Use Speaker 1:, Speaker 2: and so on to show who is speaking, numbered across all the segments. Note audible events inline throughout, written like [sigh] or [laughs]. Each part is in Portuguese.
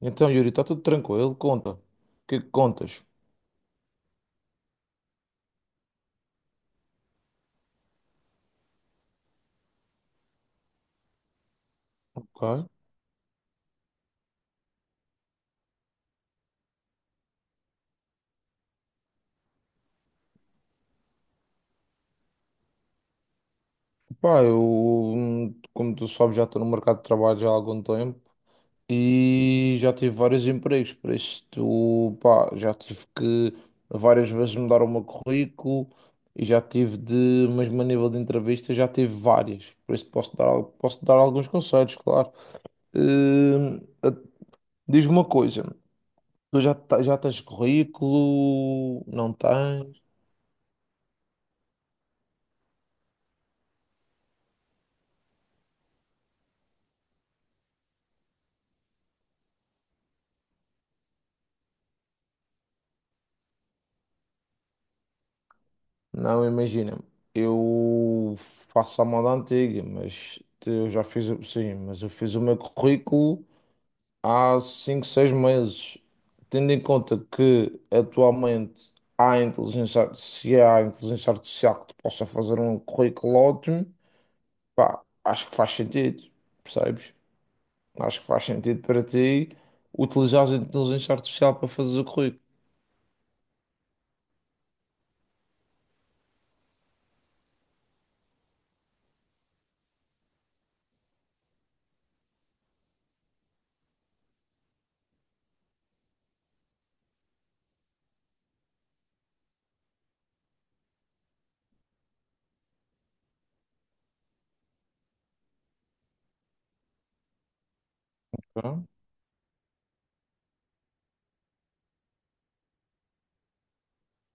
Speaker 1: Então, Yuri, está tudo tranquilo? Conta. O que é que contas? Ok. Pá, eu, como tu sabes, já estou no mercado de trabalho já há algum tempo e já tive vários empregos, por isso tu, pá, já tive que várias vezes mudar o meu currículo e já tive de, mesmo a nível de entrevista, já tive várias, por isso posso dar, posso dar alguns conselhos, claro. Hum, a- Diz-me uma coisa, tu já tens currículo? Não tens? Não, imagina, eu faço a moda antiga, mas eu já fiz, o- sim, mas eu fiz o meu currículo há 5 6 meses. Tendo em conta que atualmente se há inteligência artificial que te possa fazer um currículo ótimo, pá, acho que faz sentido, percebes? Acho que faz sentido para ti utilizar a inteligência artificial para fazer o currículo. Tá?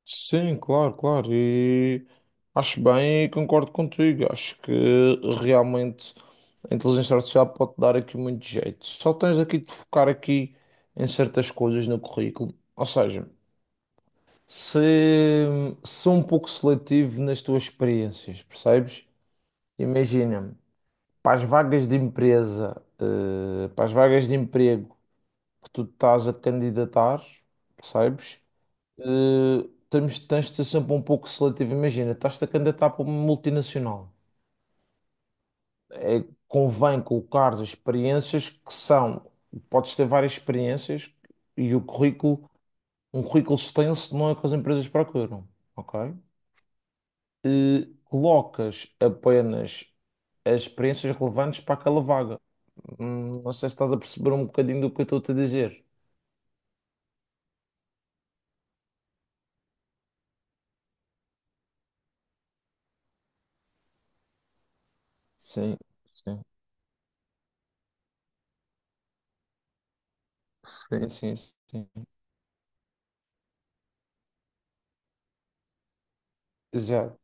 Speaker 1: Sim, claro, claro. E acho bem e concordo contigo. Acho que realmente a inteligência artificial pode dar aqui muito jeito. Só tens aqui de focar aqui em certas coisas no currículo. Ou seja, se ser um pouco seletivo nas tuas experiências, percebes? Imagina, para as vagas de emprego que tu estás a candidatar, percebes? Tens de ser sempre um pouco seletivo. Imagina, estás-te a candidatar para uma multinacional. É, convém colocar as experiências que são, podes ter várias experiências e o currículo, um currículo extenso não é o que as empresas procuram, ok? E colocas apenas as experiências relevantes para aquela vaga. Não sei se estás a perceber um bocadinho do que eu estou a te dizer. Sim, sim, sim, sim, sim. Exato.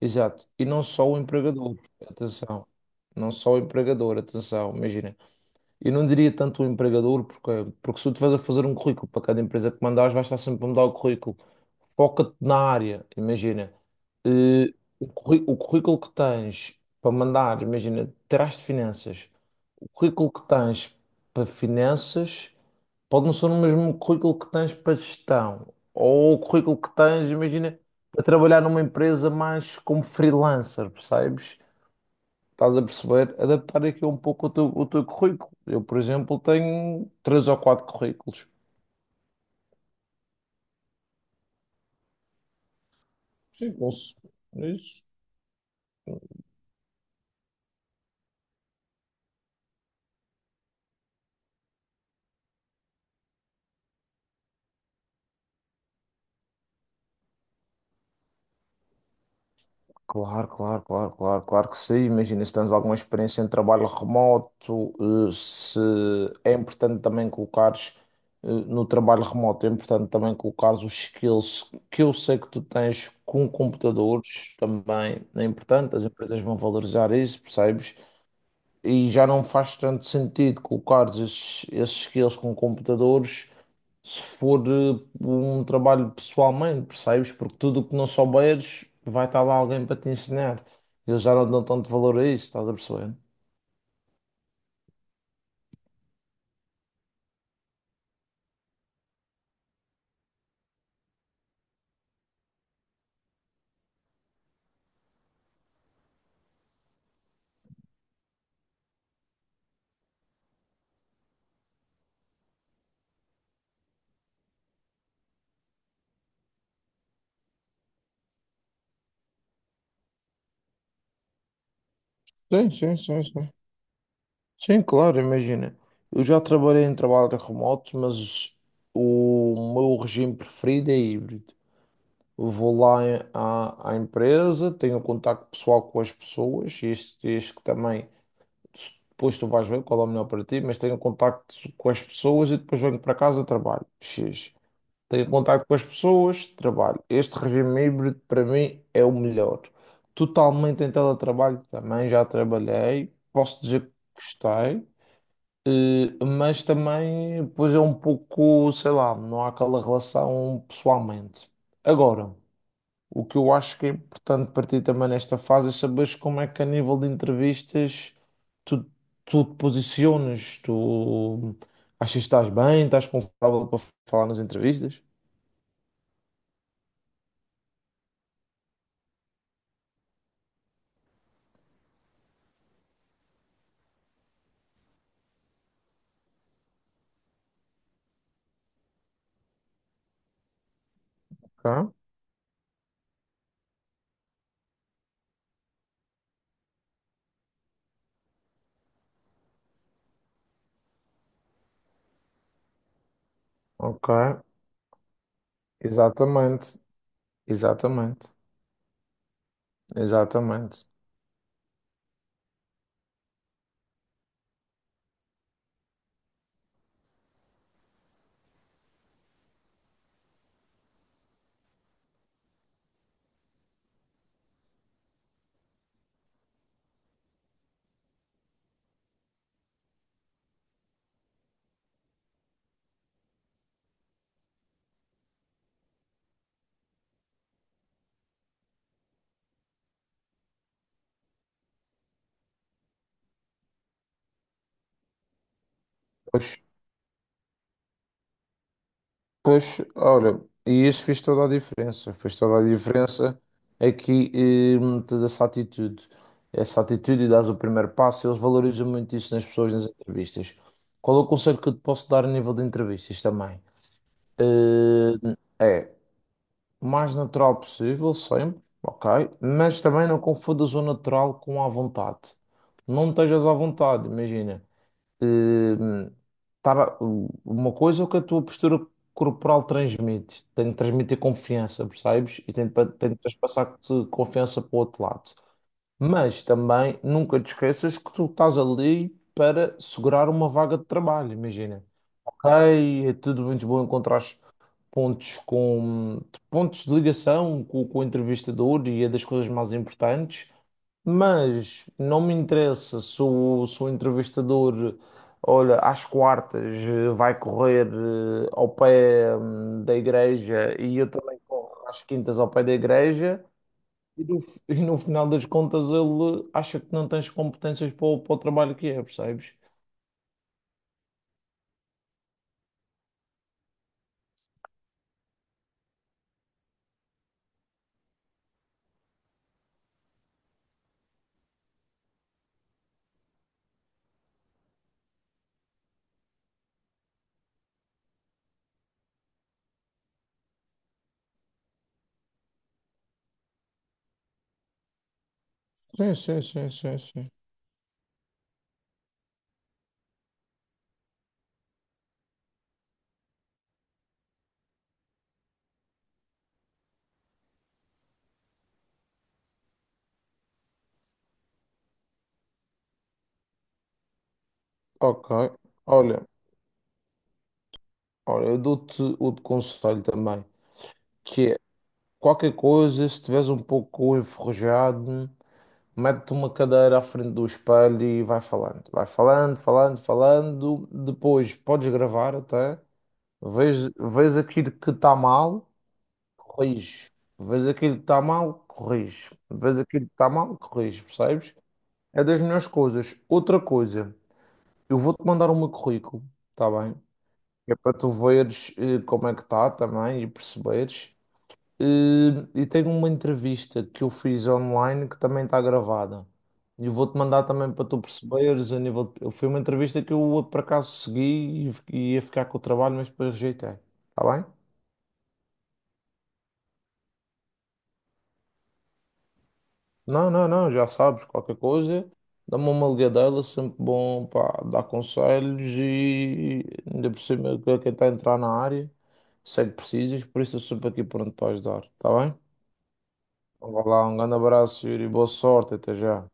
Speaker 1: Exato. E não só o empregador, atenção. Não só o empregador, atenção. Imagina, eu não diria tanto o empregador, porque se tu estiveres a fazer um currículo para cada empresa que mandares, vais estar sempre a mudar o currículo, foca-te na área, imagina. eh, o currículo que tens para mandar, imagina, terás de finanças. O currículo que tens para finanças pode não ser o mesmo currículo que tens para gestão. Ou o currículo que tens, imagina, para trabalhar numa empresa mais como freelancer, percebes? Estás a perceber? Adaptar aqui um pouco o teu currículo. Eu, por exemplo, tenho três ou quatro currículos. Sim, isso. Claro, claro, claro, claro, claro que sim. Imagina se tens alguma experiência em trabalho remoto, se é importante também no trabalho remoto, é importante também colocares os skills que eu sei que tu tens com computadores também. É importante, as empresas vão valorizar isso, percebes? E já não faz tanto sentido colocares esses skills com computadores se for um trabalho pessoalmente, percebes? Porque tudo o que não souberes vai estar lá alguém para te ensinar. Eles já não dão tanto valor a isso, estás a perceber? Sim, sim, sim, sim. Sim, claro, imagina. Eu já trabalhei em trabalho remoto, mas o meu regime preferido é híbrido. Eu vou lá à empresa, tenho contacto pessoal com as pessoas, isto que também, depois tu vais ver qual é o melhor para ti, mas tenho contacto com as pessoas e depois venho para casa e trabalho. X. Tenho contato com as pessoas, trabalho. Este regime híbrido para mim é o melhor. Totalmente em teletrabalho também, já trabalhei, posso dizer que gostei, mas também pois é um pouco, sei lá, não há aquela relação pessoalmente. Agora, o que eu acho que é importante para ti também nesta fase é saberes como é que a nível de entrevistas tu, tu te posicionas, tu achas que estás bem, estás confortável para falar nas entrevistas? Ok. Ok, exatamente, exatamente, exatamente. Pois, pois, olha, e isso fez toda a diferença, fez toda a diferença aqui, tens essa atitude e dás o primeiro passo, eles valorizam muito isso nas pessoas, nas entrevistas. Qual é o conselho que eu te posso dar a nível de entrevistas também? Eh, é, o mais natural possível, sempre, ok, mas também não confundas o natural com a vontade. Não estejas à vontade, imagina. Hum, tava- uma coisa é o que a tua postura corporal transmite. Tem de transmitir confiança, percebes? E tem de transpassar-te confiança para o outro lado. Mas também nunca te esqueças que tu estás ali para segurar uma vaga de trabalho, imagina. Ok, é tudo muito bom encontrar pontos com pontos de ligação com o entrevistador e é das coisas mais importantes, mas não me interessa se o entrevistador, olha, às quartas vai correr ao pé da igreja e eu também corro às quintas ao pé da igreja [laughs] e no final das contas ele acha que não tens competências para o trabalho que é, percebes? Sim, sim, sim, sim, sim. Ok. Olha. Ora, eu dou-te outro conselho também, que é qualquer coisa, se estiveres um pouco enferrujado, mete-te uma cadeira à frente do espelho e vai falando. Vai falando, falando, falando. Depois podes gravar até. Vês, vês aquilo que está mal, corrige. Vês aquilo que está mal, corrige. Vês aquilo que está mal, corrige, percebes? É das melhores coisas. Outra coisa, eu vou-te mandar o meu currículo, está bem? É para tu veres como é que está também e perceberes. E tenho uma entrevista que eu fiz online que também está gravada. E eu vou-te mandar também para tu perceberes foi uma entrevista que eu por acaso segui e ia ficar com o trabalho, mas depois rejeitei. Está bem? Não, não, não, já sabes, qualquer coisa, dá-me uma ligadela, sempre bom para dar conselhos e ainda por cima que quem está a entrar na área, sei que precisas, por isso eu sempre aqui pronto para ajudar. Está bem? Então, vá lá, um grande abraço, Yuri, boa sorte, até já.